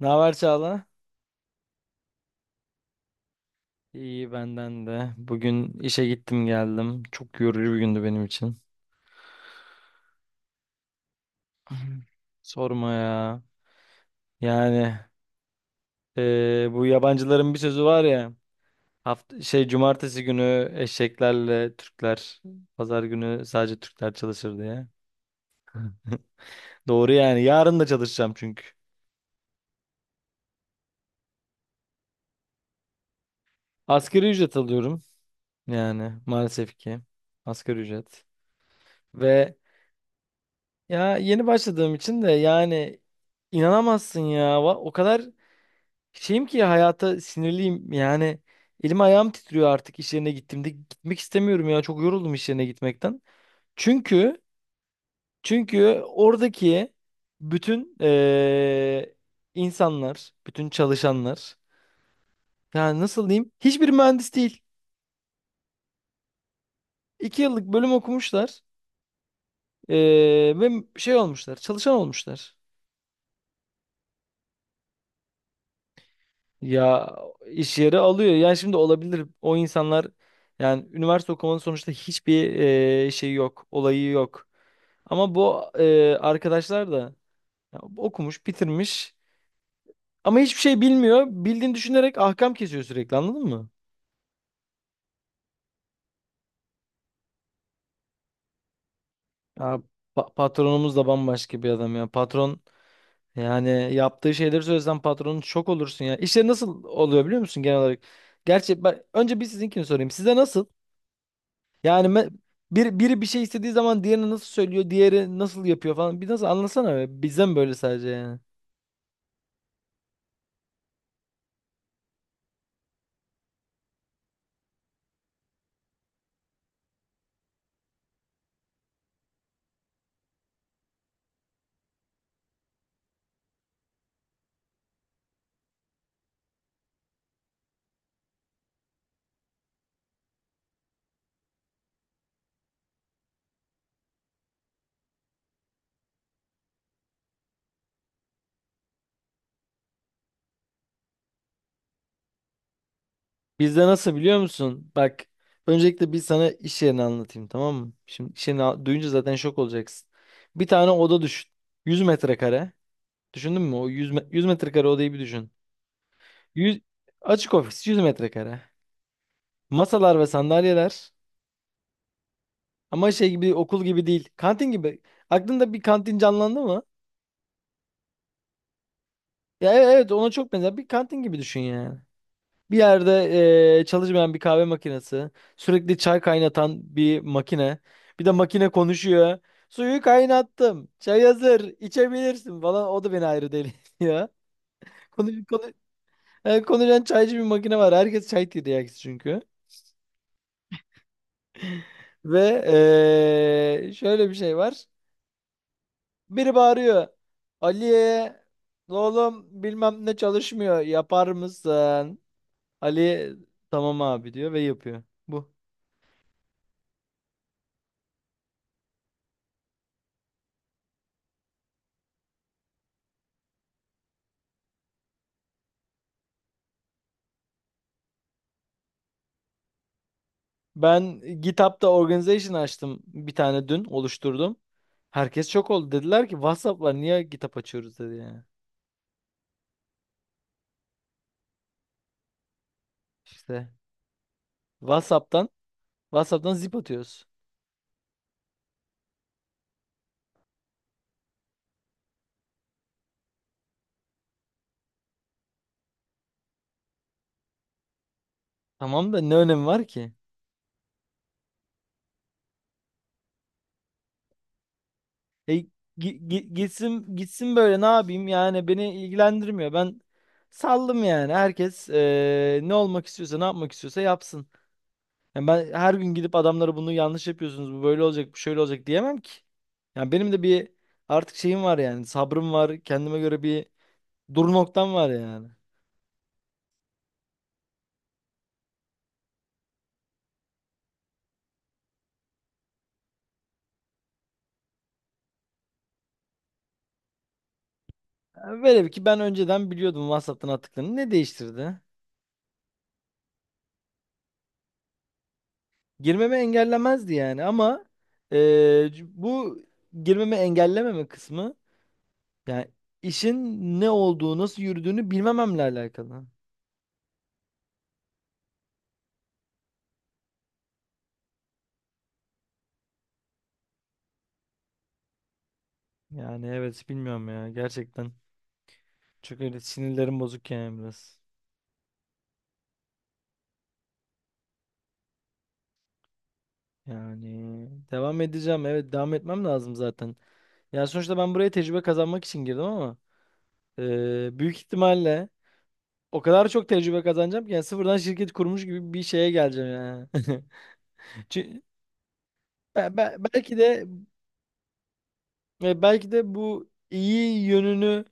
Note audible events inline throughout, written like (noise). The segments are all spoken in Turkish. Ne haber Çağla? İyi benden de. Bugün işe gittim geldim. Çok yorucu bir gündü benim için. (laughs) Sorma ya. Yani bu yabancıların bir sözü var ya. Hafta şey cumartesi günü eşeklerle Türkler, pazar günü sadece Türkler çalışır diye. Doğru yani. Yarın da çalışacağım çünkü. Asgari ücret alıyorum. Yani maalesef ki asgari ücret. Ve ya yeni başladığım için de yani inanamazsın ya. O kadar şeyim ki hayata sinirliyim yani, elim ayağım titriyor artık. İş yerine gittiğimde gitmek istemiyorum ya, çok yoruldum iş yerine gitmekten. Çünkü çünkü oradaki bütün insanlar, bütün çalışanlar yani nasıl diyeyim hiçbir mühendis değil. 2 yıllık bölüm okumuşlar, ve şey olmuşlar, çalışan olmuşlar. Ya, iş yeri alıyor. Yani şimdi olabilir. O insanlar, yani üniversite okumanın sonuçta hiçbir şey yok, olayı yok. Ama bu arkadaşlar da ya, okumuş, bitirmiş ama hiçbir şey bilmiyor. Bildiğini düşünerek ahkam kesiyor sürekli, anladın mı? Ya, patronumuz da bambaşka bir adam ya. Patron, yani yaptığı şeyleri söylesen patronun şok olursun ya. İşler nasıl oluyor biliyor musun genel olarak? Gerçi ben, önce bir sizinkini sorayım. Size nasıl? Yani biri bir şey istediği zaman diğerini nasıl söylüyor, diğeri nasıl yapıyor falan. Bir nasıl anlasana be. Bizde böyle sadece yani? Bizde nasıl biliyor musun? Bak, öncelikle bir sana iş yerini anlatayım tamam mı? Şimdi iş yerini duyunca zaten şok olacaksın. Bir tane oda düşün. 100 metrekare. Düşündün mü? O 100, 100 metrekare odayı bir düşün. 100, açık ofis 100 metrekare. Masalar ve sandalyeler. Ama şey gibi, okul gibi değil. Kantin gibi. Aklında bir kantin canlandı mı? Ya evet, ona çok benzer. Bir kantin gibi düşün yani. Bir yerde çalışmayan bir kahve makinesi, sürekli çay kaynatan bir makine, bir de makine konuşuyor. Suyu kaynattım, çay hazır, içebilirsin falan. O da beni ayrı deli (laughs) ya. Konuş, konuş, konuşan çaycı bir makine var. Herkes çay tiryakisi çünkü. Ve şöyle bir şey var. Biri bağırıyor. Ali'ye, oğlum bilmem ne çalışmıyor, yapar mısın? Ali, tamam abi diyor ve yapıyor. Bu. Ben GitHub'da organization açtım, bir tane dün oluşturdum. Herkes şok oldu. Dediler ki WhatsApp var, niye GitHub açıyoruz dedi yani. İşte WhatsApp'tan, zip atıyoruz. Tamam da ne önemi var ki? E, gitsin gitsin, böyle ne yapayım yani, beni ilgilendirmiyor. Ben saldım yani. Herkes ne olmak istiyorsa, ne yapmak istiyorsa yapsın. Yani ben her gün gidip adamlara bunu yanlış yapıyorsunuz, bu böyle olacak, bu şöyle olacak diyemem ki. Yani benim de bir artık şeyim var yani, sabrım var, kendime göre bir dur noktam var yani. Yani velev ki ben önceden biliyordum WhatsApp'tan attıklarını, ne değiştirdi? Girmeme engellemezdi yani ama bu girmeme engellememe kısmı yani işin ne olduğu, nasıl yürüdüğünü bilmememle alakalı. Yani evet, bilmiyorum ya gerçekten. Çünkü öyle sinirlerim bozuk yani biraz. Yani devam edeceğim. Evet, devam etmem lazım zaten. Yani sonuçta ben buraya tecrübe kazanmak için girdim ama büyük ihtimalle o kadar çok tecrübe kazanacağım ki, yani sıfırdan şirket kurmuş gibi bir şeye geleceğim yani. (laughs) Çü- be- be- belki de belki de bu iyi yönünü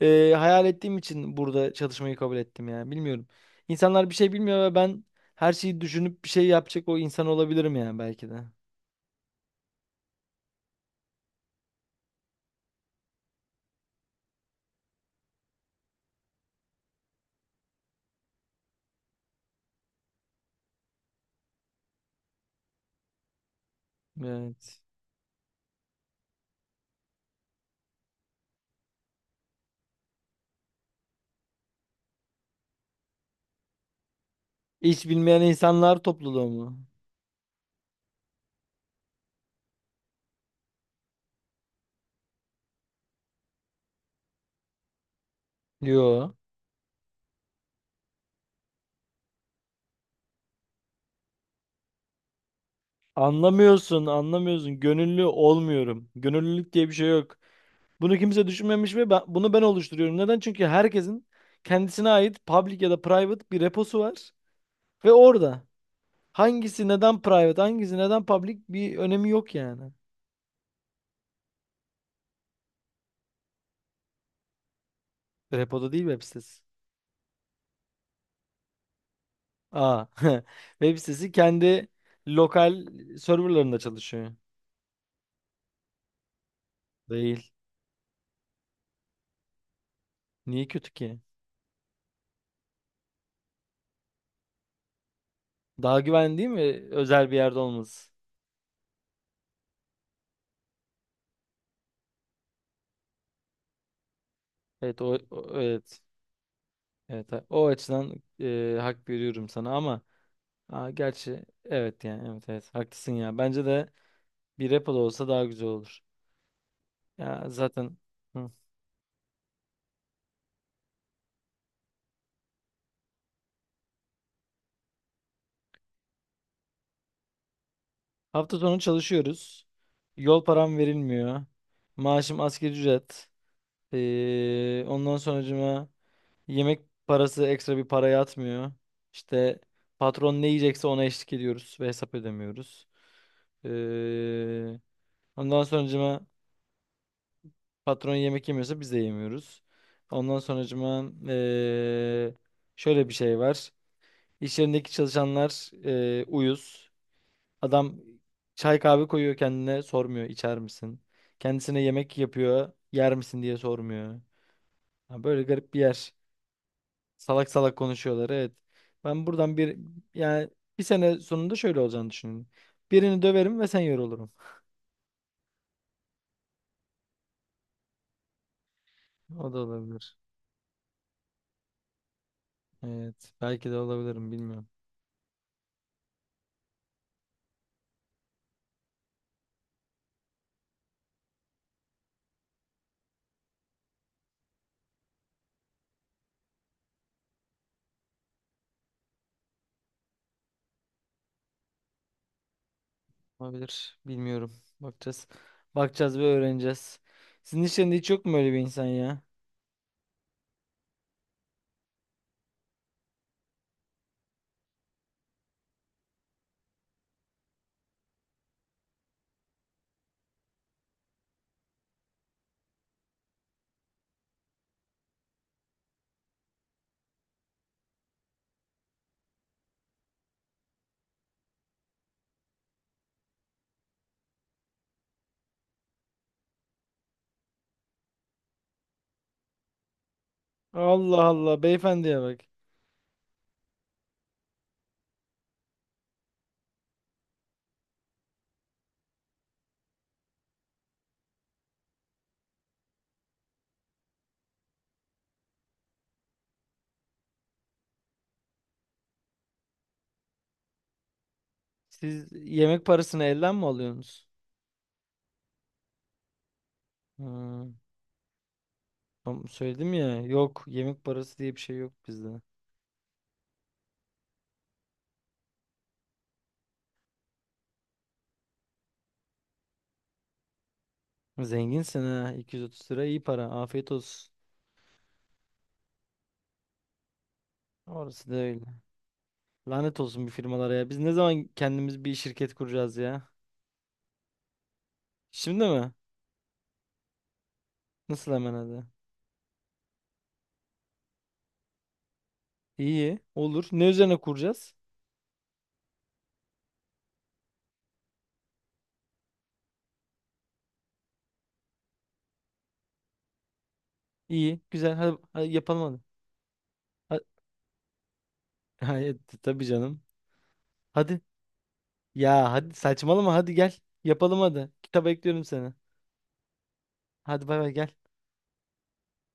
hayal ettiğim için burada çalışmayı kabul ettim yani. Bilmiyorum. İnsanlar bir şey bilmiyor ve ben her şeyi düşünüp bir şey yapacak o insan olabilirim yani belki de. Evet. Hiç bilmeyen insanlar topluluğu mu? Yo. Anlamıyorsun, anlamıyorsun. Gönüllü olmuyorum. Gönüllülük diye bir şey yok. Bunu kimse düşünmemiş ve bunu ben oluşturuyorum. Neden? Çünkü herkesin kendisine ait public ya da private bir reposu var. Ve orada hangisi neden private, hangisi neden public, bir önemi yok yani. Repoda değil web sitesi. Aa, (laughs) web sitesi kendi lokal serverlarında çalışıyor. Değil. Niye kötü ki? Daha güvenli değil mi özel bir yerde olması? Evet, evet. Evet, o açıdan hak veriyorum sana ama, gerçi evet, yani evet evet haklısın ya. Bence de bir repo da olsa daha güzel olur. Ya zaten, hı. Hafta sonu çalışıyoruz. Yol param verilmiyor. Maaşım asgari ücret. Ondan sonracıma yemek parası, ekstra bir para yatmıyor. İşte patron ne yiyecekse ona eşlik ediyoruz ve hesap ödemiyoruz. Ee, ondan sonracıma patron yemek yemiyorsa biz de yemiyoruz. Ondan sonracıma şöyle bir şey var. İş yerindeki çalışanlar uyuz. Adam çay kahve koyuyor kendine, sormuyor içer misin? Kendisine yemek yapıyor, yer misin diye sormuyor. Ha, böyle garip bir yer. Salak salak konuşuyorlar, evet. Ben buradan bir, yani bir sene sonunda şöyle olacağını düşünüyorum. Birini döverim ve sen yorulurum. O da olabilir. Evet, belki de olabilirim, bilmiyorum. Olabilir. Bilmiyorum. Bakacağız. Bakacağız ve öğreneceğiz. Sizin işlerinde hiç yok mu öyle bir insan ya? Allah Allah, beyefendiye bak. Siz yemek parasını elden mi alıyorsunuz? Ha, tam söyledim ya. Yok, yemek parası diye bir şey yok bizde. Zenginsin ha. 230 lira iyi para. Afiyet olsun. Orası da öyle. Lanet olsun bir firmalara ya. Biz ne zaman kendimiz bir şirket kuracağız ya? Şimdi mi? Nasıl hemen hadi? İyi. Olur. Ne üzerine kuracağız? İyi. Güzel. Hadi, hadi yapalım hadi. Hayır, tabii canım. Hadi. Ya hadi saçmalama, hadi gel. Yapalım hadi. Kitap bekliyorum seni. Hadi bay bay gel.